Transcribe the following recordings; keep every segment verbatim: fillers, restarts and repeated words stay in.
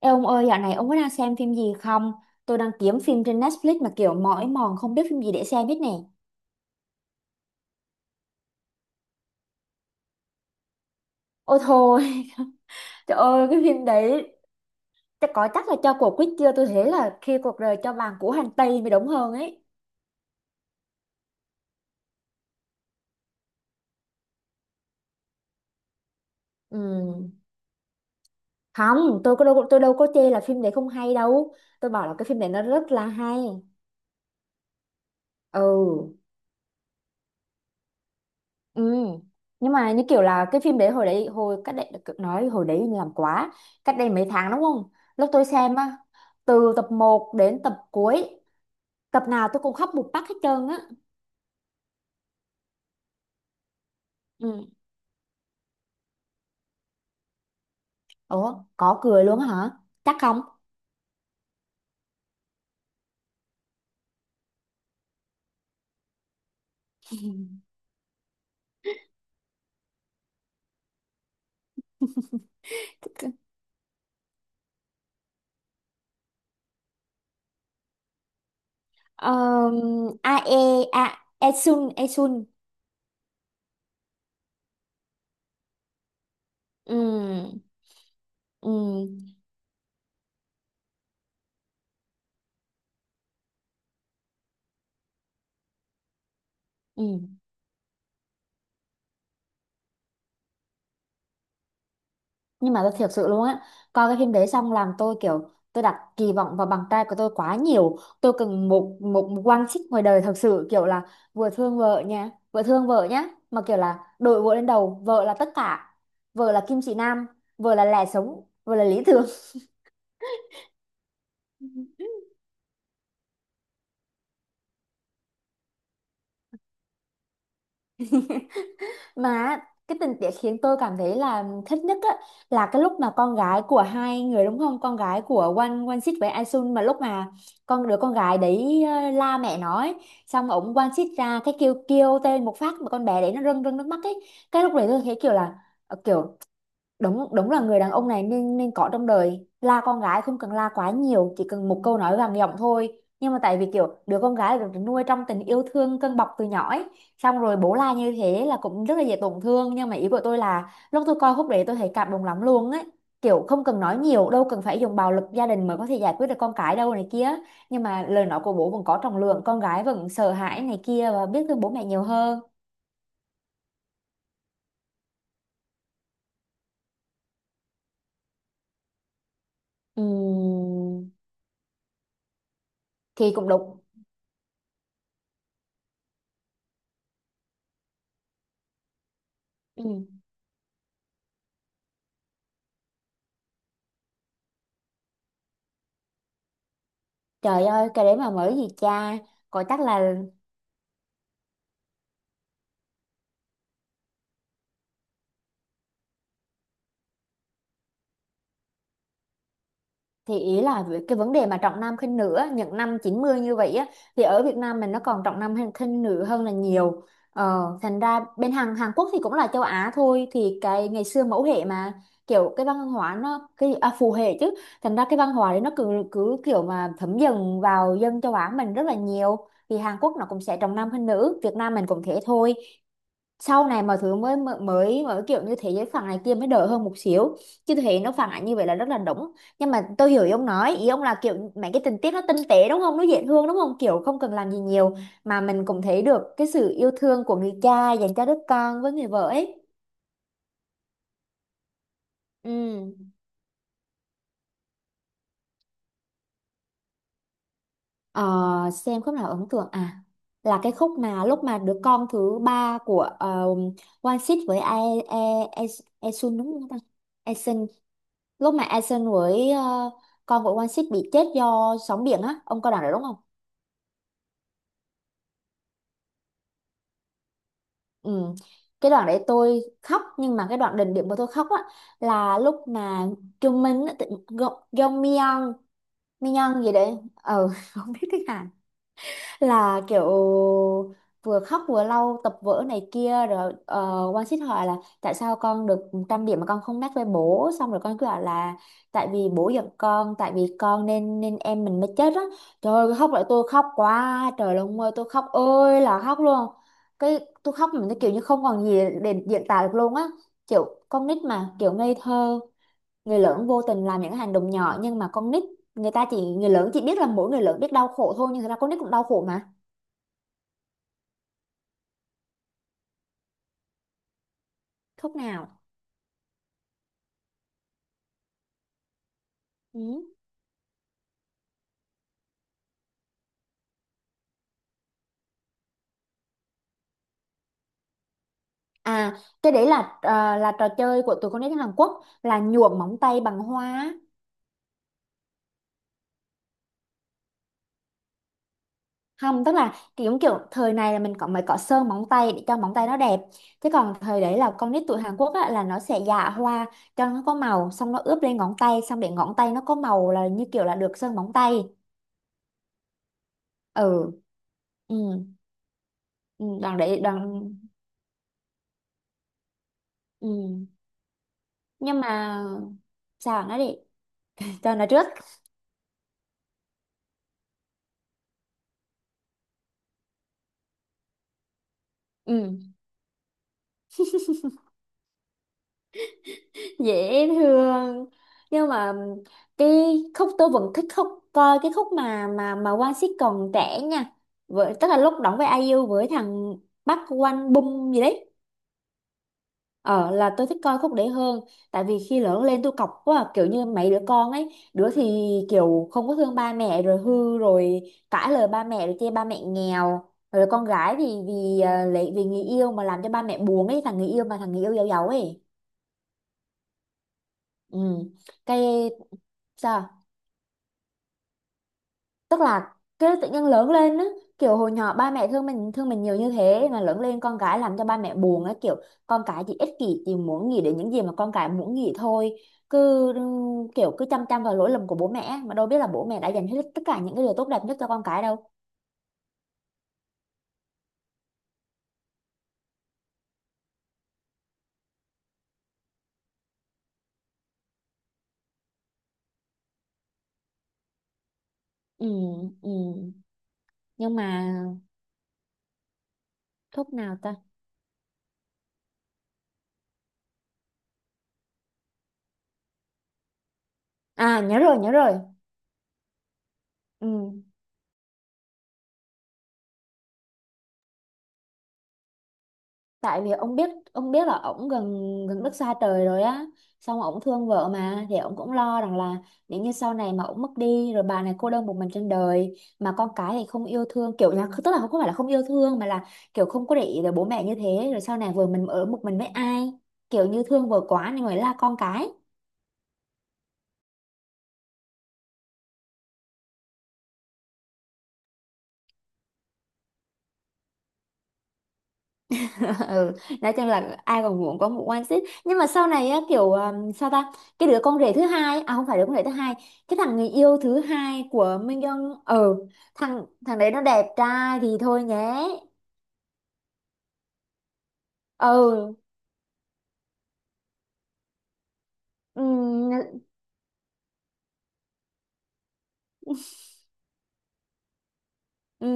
Ê ông ơi, dạo này ông có đang xem phim gì không? Tôi đang kiếm phim trên Netflix mà kiểu mỏi mòn không biết phim gì để xem hết nè. Ôi thôi, trời ơi, cái phim đấy chắc có chắc là cho cuộc quýt chưa? Tôi thấy là khi cuộc đời cho vàng của hành tây mới đúng hơn ấy. Ừ. Không, tôi có đâu, tôi đâu có chê là phim đấy không hay đâu. Tôi bảo là cái phim đấy nó rất là hay. Ừ. Ừ. Nhưng mà như kiểu là cái phim đấy hồi đấy hồi cách đây nói hồi đấy làm quá cách đây mấy tháng đúng không, lúc tôi xem á, từ tập một đến tập cuối, tập nào tôi cũng khóc một phát hết trơn á. Ừ. Ủa có cười luôn hả, chắc không? Um, a e, a e sun e. Ừ. Ừ. Ừ. Nhưng mà tôi thiệt sự luôn á, coi cái phim đấy xong làm tôi kiểu tôi đặt kỳ vọng vào bằng trai của tôi quá nhiều, tôi cần một một, một quan xích ngoài đời thật sự, kiểu là vừa thương vợ nha, vừa thương vợ nhá, mà kiểu là đội vợ lên đầu, vợ là tất cả, vợ là kim chỉ nam, vợ là lẽ sống, vợ là lý tưởng. Mà cái tình tiết khiến tôi cảm thấy là thích nhất á, là cái lúc mà con gái của hai người, đúng không? Con gái của Wan Wan Sít với Aisun, mà lúc mà con đứa con gái đấy ờ, la mẹ nó ấy, xong ổng Wan Sít ra cái kêu kêu tên một phát mà con bé đấy nó rưng rưng nước mắt ấy. Cái lúc đấy tôi thấy kiểu là ờ, kiểu đúng đúng là người đàn ông này nên nên có trong đời, la con gái không cần la quá nhiều, chỉ cần một câu nói vàng giọng thôi, nhưng mà tại vì kiểu đứa con gái được nuôi trong tình yêu thương cân bọc từ nhỏ ấy, xong rồi bố la như thế là cũng rất là dễ tổn thương. Nhưng mà ý của tôi là lúc tôi coi khúc đấy tôi thấy cảm động lắm luôn ấy, kiểu không cần nói nhiều, đâu cần phải dùng bạo lực gia đình mới có thể giải quyết được con cái đâu này kia, nhưng mà lời nói của bố vẫn có trọng lượng, con gái vẫn sợ hãi này kia và biết thương bố mẹ nhiều hơn. Ừm, thì cũng đúng. Ừ. Trời ơi, cái đấy mà mới gì cha. Có chắc là thì ý là về cái vấn đề mà trọng nam khinh nữ á, những năm chín mươi như vậy á, thì ở Việt Nam mình nó còn trọng nam hay khinh nữ hơn là nhiều. Ờ, thành ra bên Hàn Hàn Quốc thì cũng là châu Á thôi, thì cái ngày xưa mẫu hệ mà, kiểu cái văn hóa nó cái à, phù hệ chứ. Thành ra cái văn hóa đấy nó cứ cứ kiểu mà thấm dần vào dân châu Á mình rất là nhiều. Thì Hàn Quốc nó cũng sẽ trọng nam khinh nữ, Việt Nam mình cũng thế thôi. Sau này mọi thứ mới mới mới mới kiểu như thế giới phẳng này kia mới đỡ hơn một xíu, chứ thế nó phản ánh như vậy là rất là đúng. Nhưng mà tôi hiểu ý ông nói, ý ông là kiểu mấy cái tình tiết nó tinh tế đúng không, nó dễ thương đúng không, kiểu không cần làm gì nhiều mà mình cũng thấy được cái sự yêu thương của người cha dành cho đứa con với người vợ ấy. Ừ. Ờ, xem khúc nào ấn tượng à, là cái khúc mà lúc mà đứa con thứ ba của uh, One Six với Ae Ae Ae Ae Sun, đúng không ta? Lúc mà Asen với ờ, con của One Six bị chết do sóng biển á, ông coi đoạn đấy đúng không? Ừ. Cái đoạn đấy tôi khóc, nhưng mà cái đoạn đỉnh điểm mà tôi khóc á là lúc mà Trung Minh á, tự- Go Go Myeon Myeon gì đấy, ờ không biết tiếng Hàn, là kiểu vừa khóc vừa lau tập vở này kia, rồi uh, One Sit hỏi là tại sao con được trăm điểm mà con không mét với bố, xong rồi con cứ bảo là tại vì bố giận con, tại vì con nên nên em mình mới chết á. Trời ơi, khóc lại tôi khóc quá trời luôn, ơi tôi khóc ơi là khóc luôn. Cái tôi khóc mình cái kiểu như không còn gì để diễn tả được luôn á, kiểu con nít mà kiểu ngây thơ, người lớn vô tình làm những cái hành động nhỏ, nhưng mà con nít, người ta chỉ người lớn chỉ biết là mỗi người lớn biết đau khổ thôi, nhưng thật ra con nít cũng đau khổ mà. Khúc nào? Ừ. À cái đấy là ờ, là trò chơi của tụi con nít Hàn Quốc, là nhuộm móng tay bằng hoa. Không, tức là kiểu kiểu thời này là mình có mới có sơn móng tay để cho móng tay nó đẹp, thế còn thời đấy là con nít tụi Hàn Quốc á, là nó sẽ dạ hoa cho nó có màu, xong nó ướp lên ngón tay, xong để ngón tay nó có màu là như kiểu là được sơn móng tay. Ừ. Ừ, ừ. Đoàn đấy đoàn. Ừ. Nhưng mà sao, nói đi. Cho nó trước. Ừ, dễ thương. Nhưng mà cái khúc tôi vẫn thích khúc, coi cái khúc mà mà mà Quang Sít còn trẻ nha, với tức là lúc đóng với ai IU với thằng bắc Quang Bum gì đấy, ờ là tôi thích coi khúc đấy hơn, tại vì khi lớn lên tôi cọc quá à, kiểu như mấy đứa con ấy, đứa thì kiểu không có thương ba mẹ rồi hư rồi, cãi lời ba mẹ, rồi chê ba mẹ nghèo, rồi con gái thì vì à, lấy vì người yêu mà làm cho ba mẹ buồn ấy, thằng người yêu mà thằng người yêu giàu giàu ấy. Ừ. Cái sao? Tức là cái tự nhiên lớn lên á, kiểu hồi nhỏ ba mẹ thương mình, thương mình nhiều như thế, mà lớn lên con cái làm cho ba mẹ buồn á, kiểu con cái chỉ ích kỷ chỉ muốn nghĩ đến những gì mà con cái muốn nghĩ thôi, cứ ừm, kiểu cứ chăm chăm vào lỗi lầm của bố mẹ á, mà đâu biết là bố mẹ đã dành hết tất cả những cái điều tốt đẹp nhất cho con cái đâu. Ừ. Ừ. Nhưng mà thuốc nào ta? À nhớ rồi, nhớ rồi. Ừ. Tại vì ông biết, ông biết là ổng gần, gần đất xa trời rồi á, xong ổng thương vợ mà, thì ổng cũng lo rằng là nếu như sau này mà ổng mất đi rồi, bà này cô đơn một mình trên đời, mà con cái thì không yêu thương, kiểu là tức là không phải là không yêu thương mà là kiểu không có để ý tới bố mẹ như thế, rồi sau này vừa mình ở một mình với ai, kiểu như thương vợ quá nên mới la con cái. Ừ. Nói chung là ai còn muốn có một one seat, nhưng mà sau này á, kiểu um, sao ta, cái đứa con rể thứ hai, à không phải đứa con rể thứ hai, cái thằng người yêu thứ hai của Minh Young, ừ. Thằng thằng đấy nó đẹp trai thì thôi nhé. Ừ. Ừ. Ừ.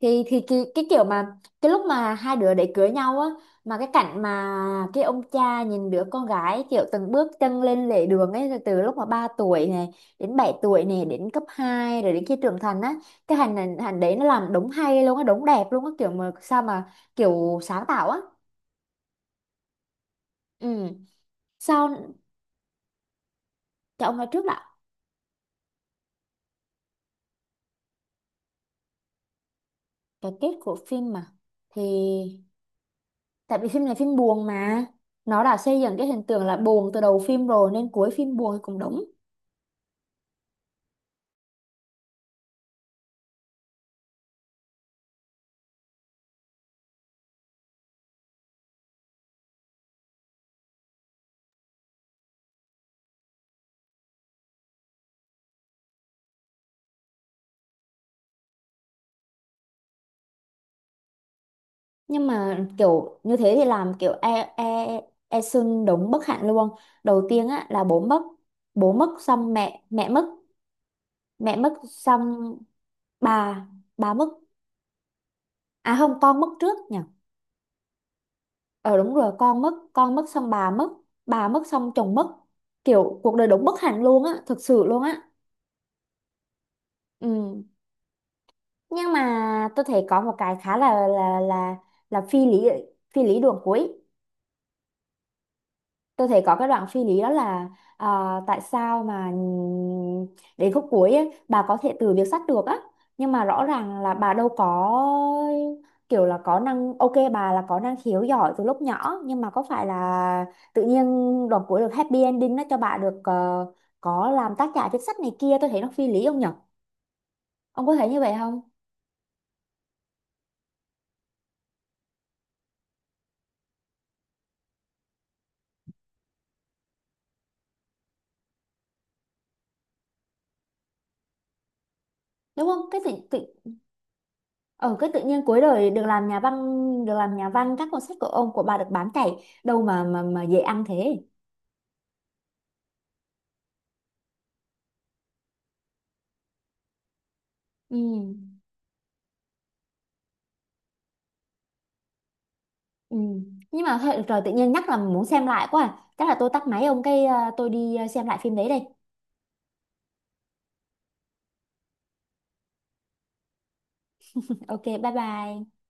thì thì cái, cái kiểu mà cái lúc mà hai đứa để cưới nhau á, mà cái cảnh mà cái ông cha nhìn đứa con gái kiểu từng bước chân lên lề đường ấy, rồi từ lúc mà ba tuổi này, đến bảy tuổi này, đến cấp hai, rồi đến khi trưởng thành á, cái hành hành hành đấy nó làm đúng hay luôn á, đúng đẹp luôn á, kiểu mà sao mà kiểu sáng tạo á. Ừ. Sao? Cho ông nói trước đã. Cái kết của phim mà, thì tại vì phim này phim buồn mà, nó đã xây dựng cái hình tượng là buồn từ đầu phim rồi nên cuối phim buồn thì cũng đúng. Nhưng mà kiểu như thế thì làm kiểu e e e xưng đúng bất hạnh luôn. Đầu tiên á là bố mất, bố mất xong mẹ mẹ mất, mẹ mất xong bà bà mất. À không, con mất trước nhỉ. Ờ đúng rồi, con mất, con mất xong bà mất, bà mất xong chồng mất. Kiểu cuộc đời đúng bất hạnh luôn á, thực sự luôn á. Ừ. Nhưng mà tôi thấy có một cái khá là là là là phi lý, phi lý đường cuối. Tôi thấy có cái đoạn phi lý đó là à, tại sao mà ừm, đến khúc cuối ấy, bà có thể từ việc sắt được á, nhưng mà rõ ràng là bà đâu có, kiểu là có năng ok, bà là có năng khiếu giỏi từ lúc nhỏ, nhưng mà có phải là tự nhiên đoạn cuối được happy ending nó cho bà được ờ, có làm tác giả viết sách này kia, tôi thấy nó phi lý không nhở? Ông có thấy như vậy không? Đúng không, cái tự tự ở cái tự nhiên cuối đời được làm nhà văn, được làm nhà văn, các cuốn sách của ông của bà được bán chạy đâu mà mà mà dễ ăn thế. Ừ, ừ. Nhưng mà thôi, được rồi, tự nhiên nhắc là muốn xem lại quá à. Chắc là tôi tắt máy ông cái à, tôi đi à, xem lại phim đấy đây. Ok, bye bye.